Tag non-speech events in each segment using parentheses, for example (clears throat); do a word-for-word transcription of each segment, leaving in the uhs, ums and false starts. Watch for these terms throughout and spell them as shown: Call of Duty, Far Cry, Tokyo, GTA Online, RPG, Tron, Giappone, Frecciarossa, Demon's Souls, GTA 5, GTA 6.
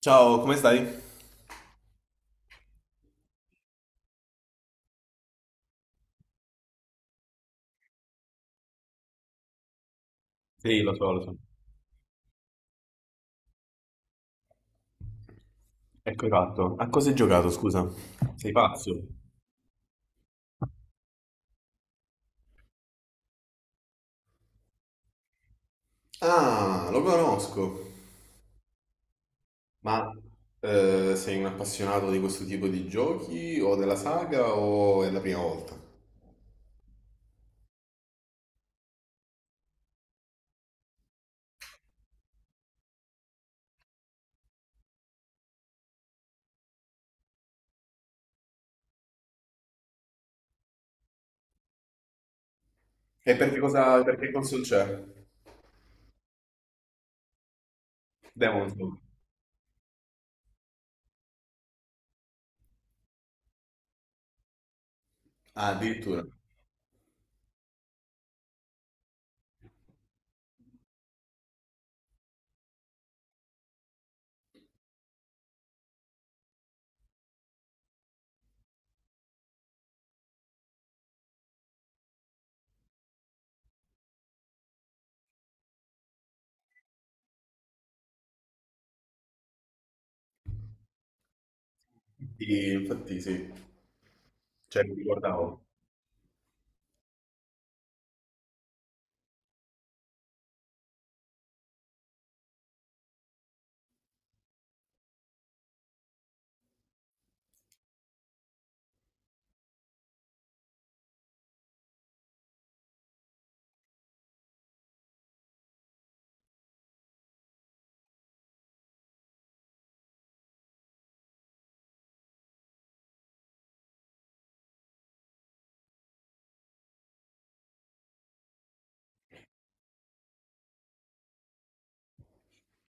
Ciao, come stai? Sì, lo so, lo so. Ecco fatto. A cosa hai giocato, scusa? Sei pazzo. Ah, lo conosco. Ma eh, Sei un appassionato di questo tipo di giochi o della saga o è la prima volta? E perché cosa, perché console c'è? Demon's Souls. Ah, addirittura. Sì, infatti sì. Cioè, mi ricordavo.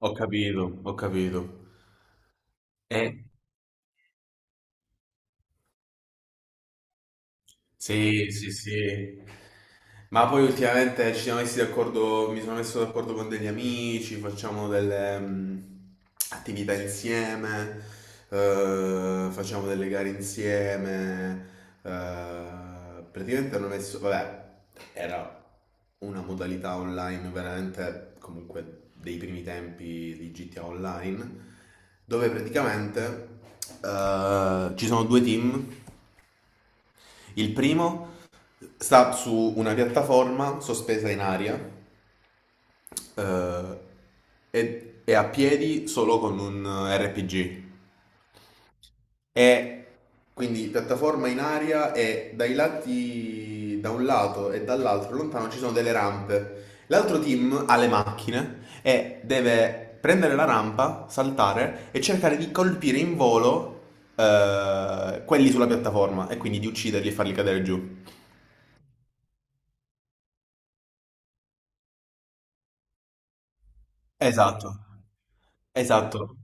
Ho capito, ho capito. Eh, E, Sì, sì, sì. Ma poi ultimamente ci siamo messi d'accordo, mi sono messo d'accordo con degli amici, facciamo delle mh, attività insieme, eh, facciamo delle gare insieme. Eh, praticamente hanno messo, vabbè, era una modalità online veramente comunque dei primi tempi di G T A Online, dove praticamente eh, ci sono due team. Il primo sta su una piattaforma sospesa in aria eh, e è a piedi solo con un R P G. È quindi piattaforma in aria e dai lati, da un lato e dall'altro lontano ci sono delle rampe. L'altro team ha le macchine e deve prendere la rampa, saltare e cercare di colpire in volo, eh, quelli sulla piattaforma, e quindi di ucciderli e farli cadere giù. Esatto. Esatto.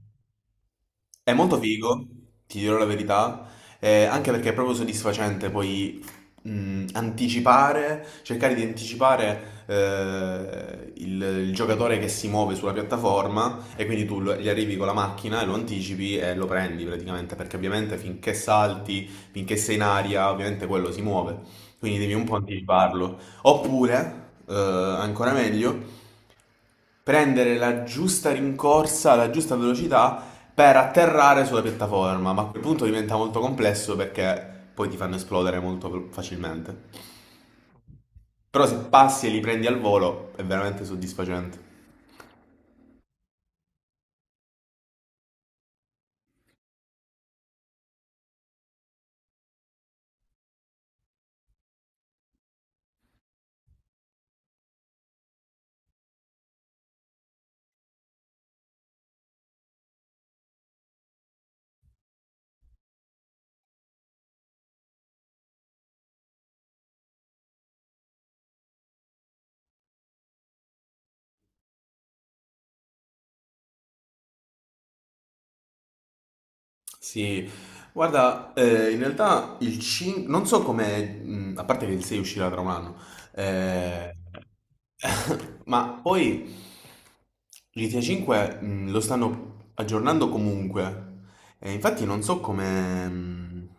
È molto figo, ti dirò la verità, eh, anche perché è proprio soddisfacente poi mh, anticipare, cercare di anticipare eh, il, il giocatore che si muove sulla piattaforma, e quindi tu lo- gli arrivi con la macchina e lo anticipi e lo prendi praticamente, perché ovviamente finché salti, finché sei in aria, ovviamente quello si muove, quindi devi un po' anticiparlo. Oppure, eh, ancora meglio, prendere la giusta rincorsa, la giusta velocità per atterrare sulla piattaforma, ma a quel punto diventa molto complesso perché poi ti fanno esplodere molto facilmente. Però se passi e li prendi al volo è veramente soddisfacente. Sì, guarda, eh, in realtà il cinque, non so come, mh, a parte che il sei uscirà tra un anno, eh, (laughs) ma poi G T A cinque mh, lo stanno aggiornando comunque, e infatti non so come, mh,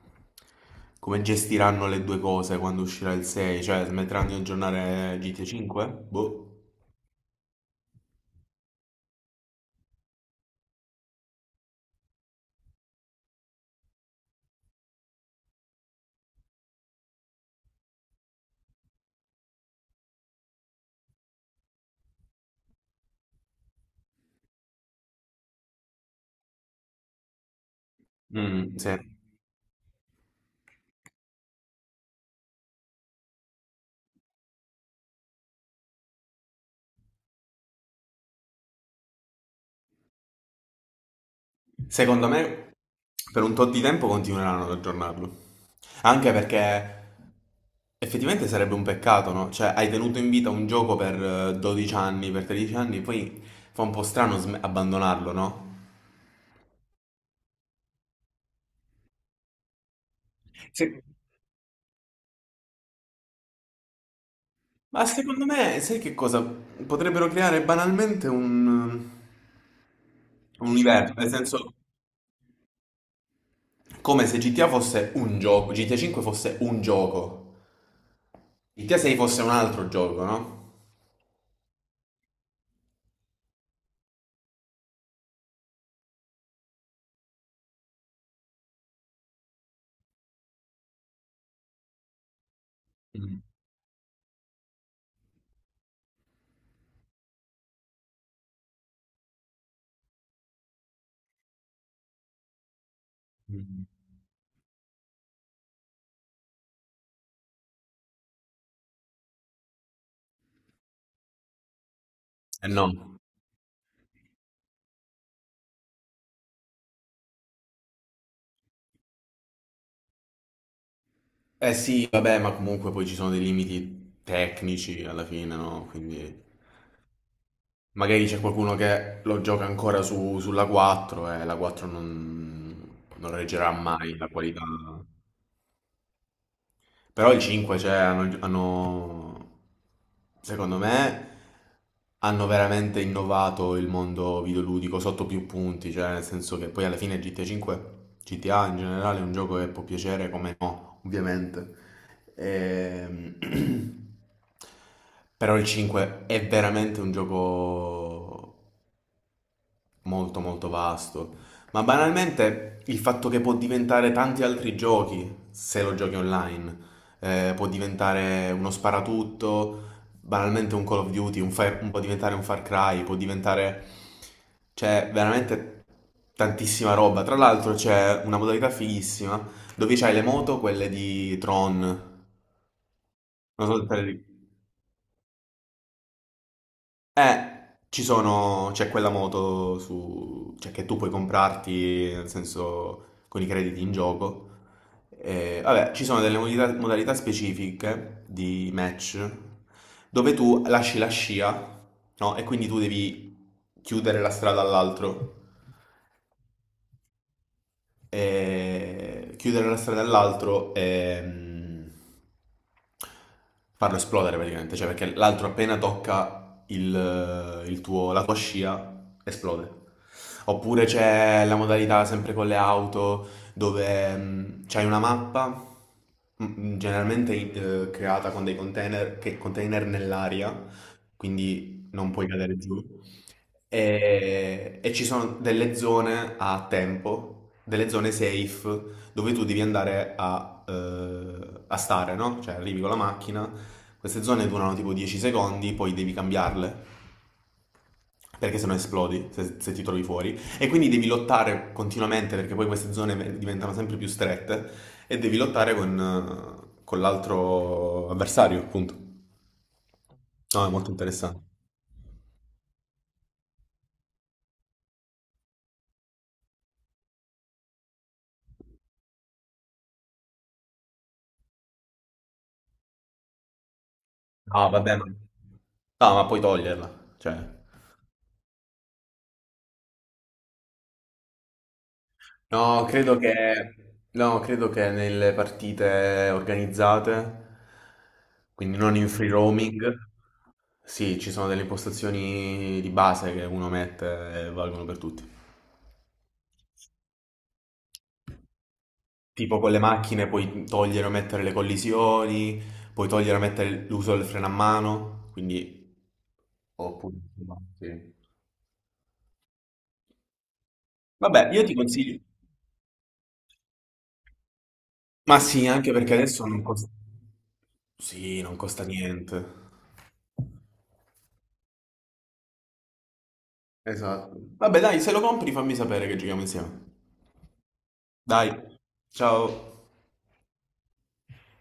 come gestiranno le due cose quando uscirà il sei. Cioè, smetteranno di aggiornare G T A cinque? Boh. Mm, sì. Secondo me, per un tot di tempo continueranno ad aggiornarlo. Anche perché effettivamente sarebbe un peccato, no? Cioè, hai tenuto in vita un gioco per eh, dodici anni, per tredici anni, poi fa un po' strano sm- abbandonarlo, no? Sì. Ma secondo me, sai che cosa? Potrebbero creare banalmente un, un universo, nel senso, come se G T A fosse un gioco, G T A cinque fosse un gioco, G T A sei fosse un altro gioco, no? Mm. Eh no. Eh sì, vabbè, ma comunque poi ci sono dei limiti tecnici alla fine, no? Quindi magari c'è qualcuno che lo gioca ancora su- sulla quattro, e la quattro non, non reggerà mai la qualità. Però i cinque, cioè, hanno, hanno- secondo me, hanno veramente innovato il mondo videoludico sotto più punti. Cioè, nel senso che poi alla fine G T A cinque, G T A in generale è un gioco che può piacere come no, ovviamente. Ehm, (clears throat) Però il cinque è veramente un gioco molto molto vasto, ma banalmente il fatto che può diventare tanti altri giochi se lo giochi online. Eh, può diventare uno sparatutto, banalmente un Call of Duty, un Far- può diventare un Far Cry, può diventare... C'è veramente tantissima roba. Tra l'altro c'è una modalità fighissima dove c'hai le moto, quelle di Tron. Non so se te le Eh, ci sono, c'è quella moto su, cioè, che tu puoi comprarti, nel senso, con i crediti in gioco. Eh, vabbè, ci sono delle modalità, modalità specifiche di match dove tu lasci la scia, no? E quindi tu devi chiudere la strada all'altro, e chiudere una strada all'altro e mm, farlo esplodere praticamente. Cioè, perché l'altro appena tocca il, il tuo, la tua scia esplode. Oppure c'è la modalità sempre con le auto dove mm, c'hai una mappa, mm, mm, generalmente eh, creata con dei container, che container nell'aria, quindi non puoi cadere giù. E, e ci sono delle zone a tempo, delle zone safe, dove tu devi andare a, eh, a stare, no? Cioè arrivi con la macchina, queste zone durano tipo dieci secondi, poi devi cambiarle, perché sennò esplodi se, se ti trovi fuori. E quindi devi lottare continuamente, perché poi queste zone ve- diventano sempre più strette, e devi lottare con, eh, con l'altro avversario, appunto. No, è molto interessante. Ah, va bene. No, ma puoi toglierla, cioè... No, credo che, no, credo che nelle partite organizzate, quindi non in free roaming, sì, ci sono delle impostazioni di base che uno mette e valgono per tutti. Tipo con le macchine puoi togliere o mettere le collisioni, puoi togliere o mettere l'uso del freno a mano, quindi... Oppure, insomma, sì. Vabbè, io ti consiglio. Ma sì, anche perché adesso non costa... Sì, non costa niente. Esatto. Vabbè, dai, se lo compri fammi sapere che giochiamo insieme. Dai, ciao.